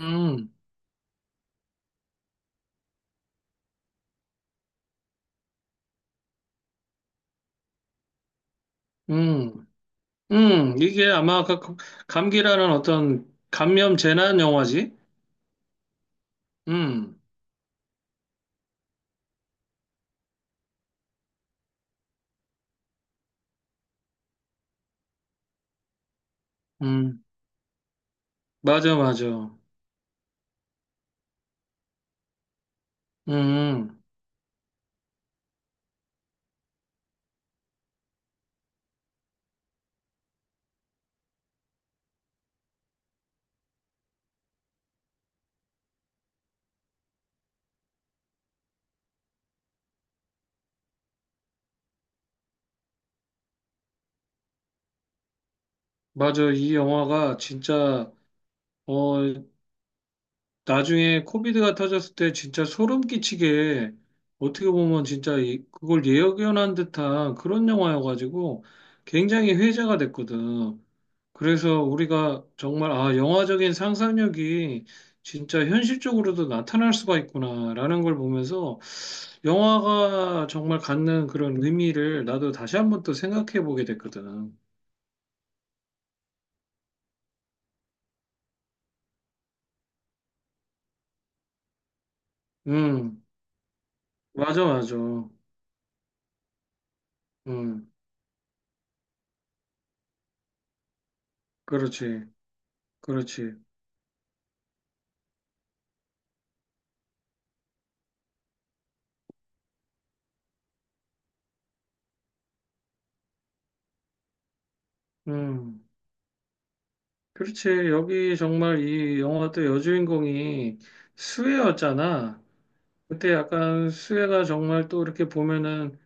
음, 음, 이게 아마 그 감기라는 어떤 감염 재난 영화지? 음, 음, 맞아, 맞아. 음. 맞아. 이 영화가 진짜, 어, 나중에 코비드가 터졌을 때 진짜 소름 끼치게 어떻게 보면 진짜 그걸 예견한 듯한 그런 영화여가지고 굉장히 회자가 됐거든. 그래서 우리가 정말, 영화적인 상상력이 진짜 현실적으로도 나타날 수가 있구나라는 걸 보면서 영화가 정말 갖는 그런 의미를 나도 다시 한 번 또 생각해 보게 됐거든. 음, 맞아, 맞아. 음, 그렇지, 그렇지. 음, 그렇지. 여기 정말 이 영화 또 여주인공이 수혜였잖아. 그때 약간 수혜가 정말 또 이렇게 보면은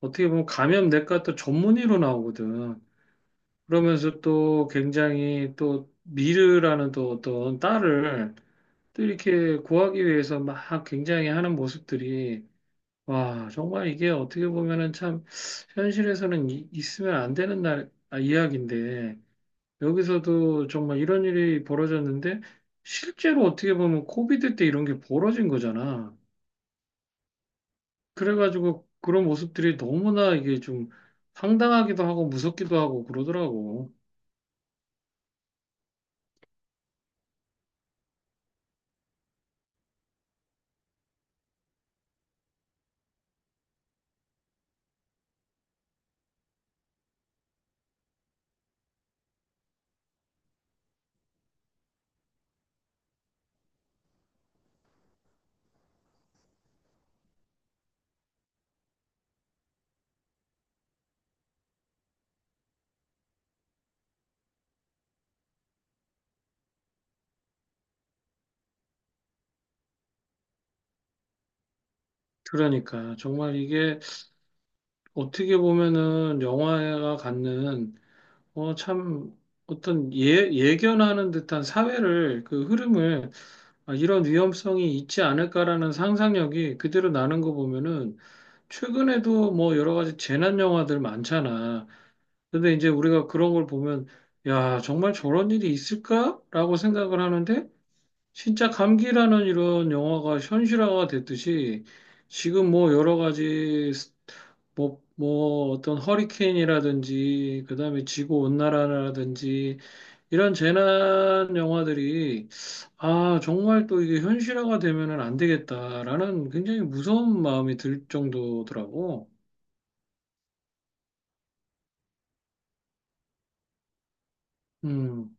어떻게 보면 감염내과 또 전문의로 나오거든. 그러면서 또 굉장히 또 미르라는 또 어떤 딸을 또 이렇게 구하기 위해서 막 굉장히 하는 모습들이 와, 정말 이게 어떻게 보면은 참 현실에서는 있으면 안 되는 날 이야기인데 여기서도 정말 이런 일이 벌어졌는데 실제로 어떻게 보면 코비드 때 이런 게 벌어진 거잖아. 그래가지고 그런 모습들이 너무나 이게 좀 황당하기도 하고 무섭기도 하고 그러더라고. 그러니까 정말 이게 어떻게 보면은 영화가 갖는 참 어떤 예견하는 듯한 사회를 그 흐름을 이런 위험성이 있지 않을까라는 상상력이 그대로 나는 거 보면은 최근에도 뭐 여러 가지 재난 영화들 많잖아. 근데 이제 우리가 그런 걸 보면 야, 정말 저런 일이 있을까라고 생각을 하는데 진짜 감기라는 이런 영화가 현실화가 됐듯이 지금 뭐 여러 가지 뭐 어떤 허리케인이라든지 그다음에 지구 온난화라든지 이런 재난 영화들이 아, 정말 또 이게 현실화가 되면은 안 되겠다라는 굉장히 무서운 마음이 들 정도더라고. 음.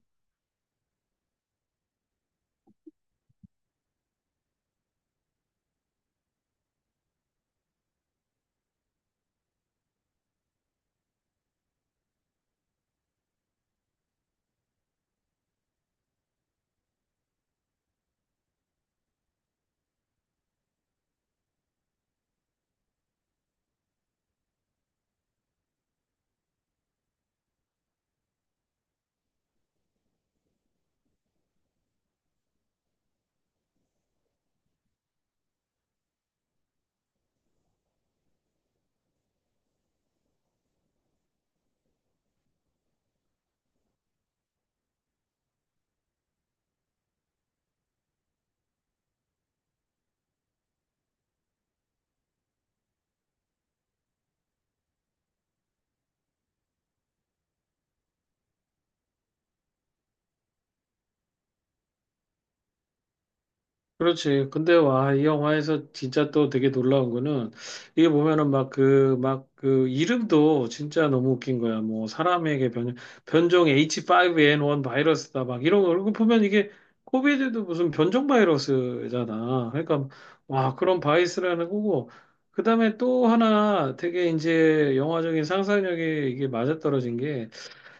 그렇지. 근데 와, 이 영화에서 진짜 또 되게 놀라운 거는 이게 보면은 막 그, 막 그 이름도 진짜 너무 웃긴 거야. 뭐 사람에게 변종 H5N1 바이러스다 막 이런 거. 그리고 보면 이게 코비드도 무슨 변종 바이러스잖아. 그러니까 와, 그런 바이러스라는 거고. 그다음에 또 하나 되게 이제 영화적인 상상력이 이게 맞아떨어진 게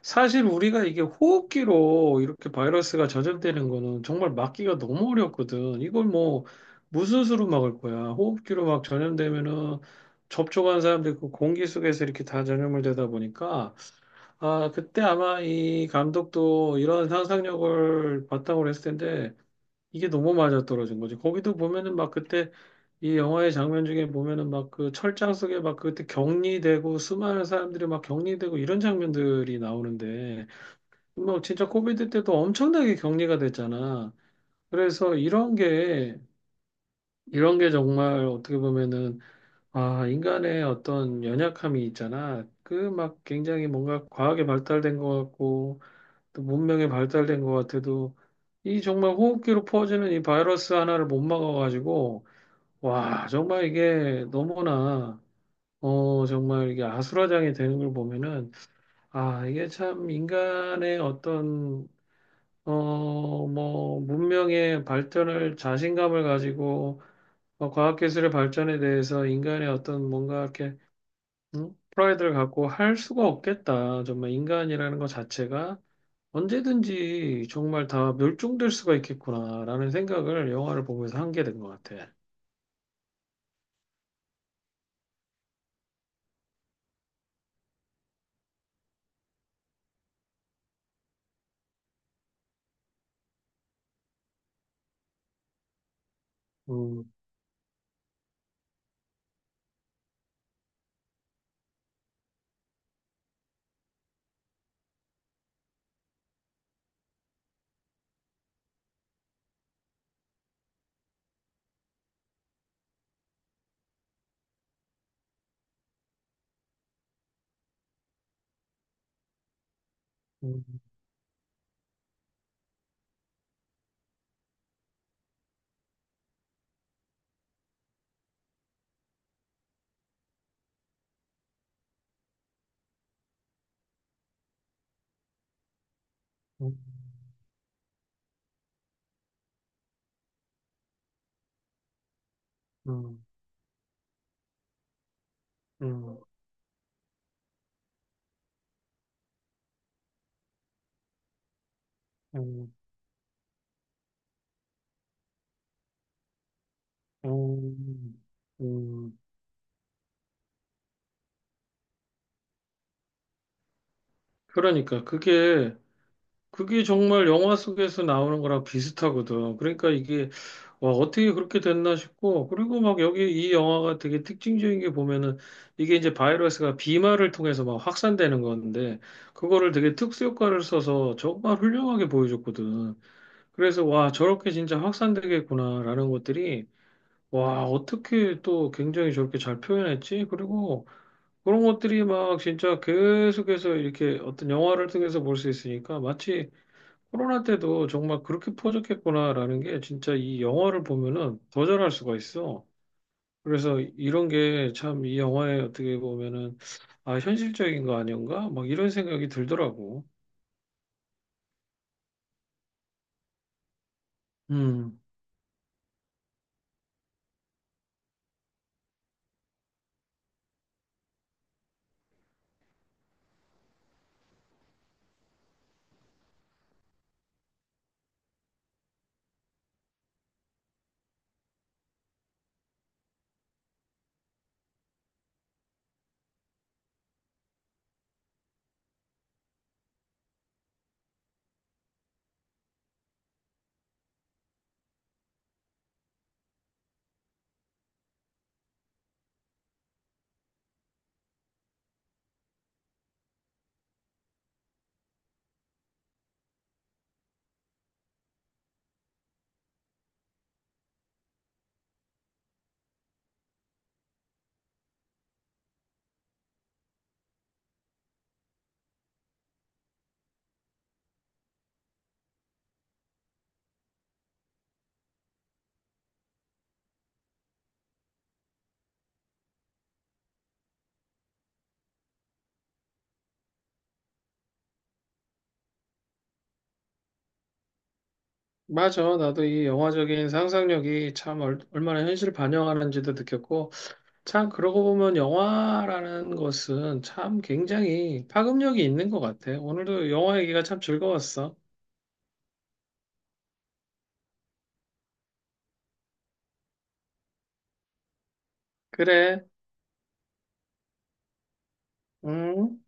사실 우리가 이게 호흡기로 이렇게 바이러스가 전염되는 거는 정말 막기가 너무 어렵거든. 이걸 뭐 무슨 수로 막을 거야? 호흡기로 막 전염되면은 접촉한 사람들 그 공기 속에서 이렇게 다 전염을 되다 보니까 아 그때 아마 이 감독도 이런 상상력을 바탕으로 했을 텐데 이게 너무 맞아떨어진 거지. 거기도 보면은 막 그때 이 영화의 장면 중에 보면은 막 그 철장 속에 막 그때 격리되고 수많은 사람들이 막 격리되고 이런 장면들이 나오는데 뭐 진짜 코비드 때도 엄청나게 격리가 됐잖아. 그래서 이런 게 정말 어떻게 보면은 아 인간의 어떤 연약함이 있잖아. 그 막 굉장히 뭔가 과학에 발달된 것 같고 또 문명에 발달된 것 같아도 이 정말 호흡기로 퍼지는 이 바이러스 하나를 못 막아가지고 와 정말 이게 너무나 어 정말 이게 아수라장이 되는 걸 보면은 아 이게 참 인간의 어떤 어, 문명의 발전을 자신감을 가지고 어, 과학기술의 발전에 대해서 인간의 어떤 뭔가 이렇게 음? 프라이드를 갖고 할 수가 없겠다. 정말 인간이라는 것 자체가 언제든지 정말 다 멸종될 수가 있겠구나라는 생각을 영화를 보면서 한 게 된 것 같아. 음, 음, 음, 음, 음, 음, 음, 음. 그러니까 그게 정말 영화 속에서 나오는 거랑 비슷하거든. 그러니까 이게 와, 어떻게 그렇게 됐나 싶고, 그리고 막 여기 이 영화가 되게 특징적인 게 보면은, 이게 이제 바이러스가 비말을 통해서 막 확산되는 건데, 그거를 되게 특수효과를 써서 정말 훌륭하게 보여줬거든. 그래서, 와, 저렇게 진짜 확산되겠구나라는 것들이, 와, 어떻게 또 굉장히 저렇게 잘 표현했지? 그리고 그런 것들이 막 진짜 계속해서 이렇게 어떤 영화를 통해서 볼 수 있으니까, 마치 코로나 때도 정말 그렇게 퍼졌겠구나라는 게 진짜 이 영화를 보면은 거절할 수가 있어. 그래서 이런 게 참 이 영화에 어떻게 보면은 아, 현실적인 거 아닌가? 막 이런 생각이 들더라고. 음. 맞아. 나도 이 영화적인 상상력이 참 얼마나 현실을 반영하는지도 느꼈고, 참 그러고 보면 영화라는 것은 참 굉장히 파급력이 있는 것 같아. 오늘도 영화 얘기가 참 즐거웠어. 그래. 음.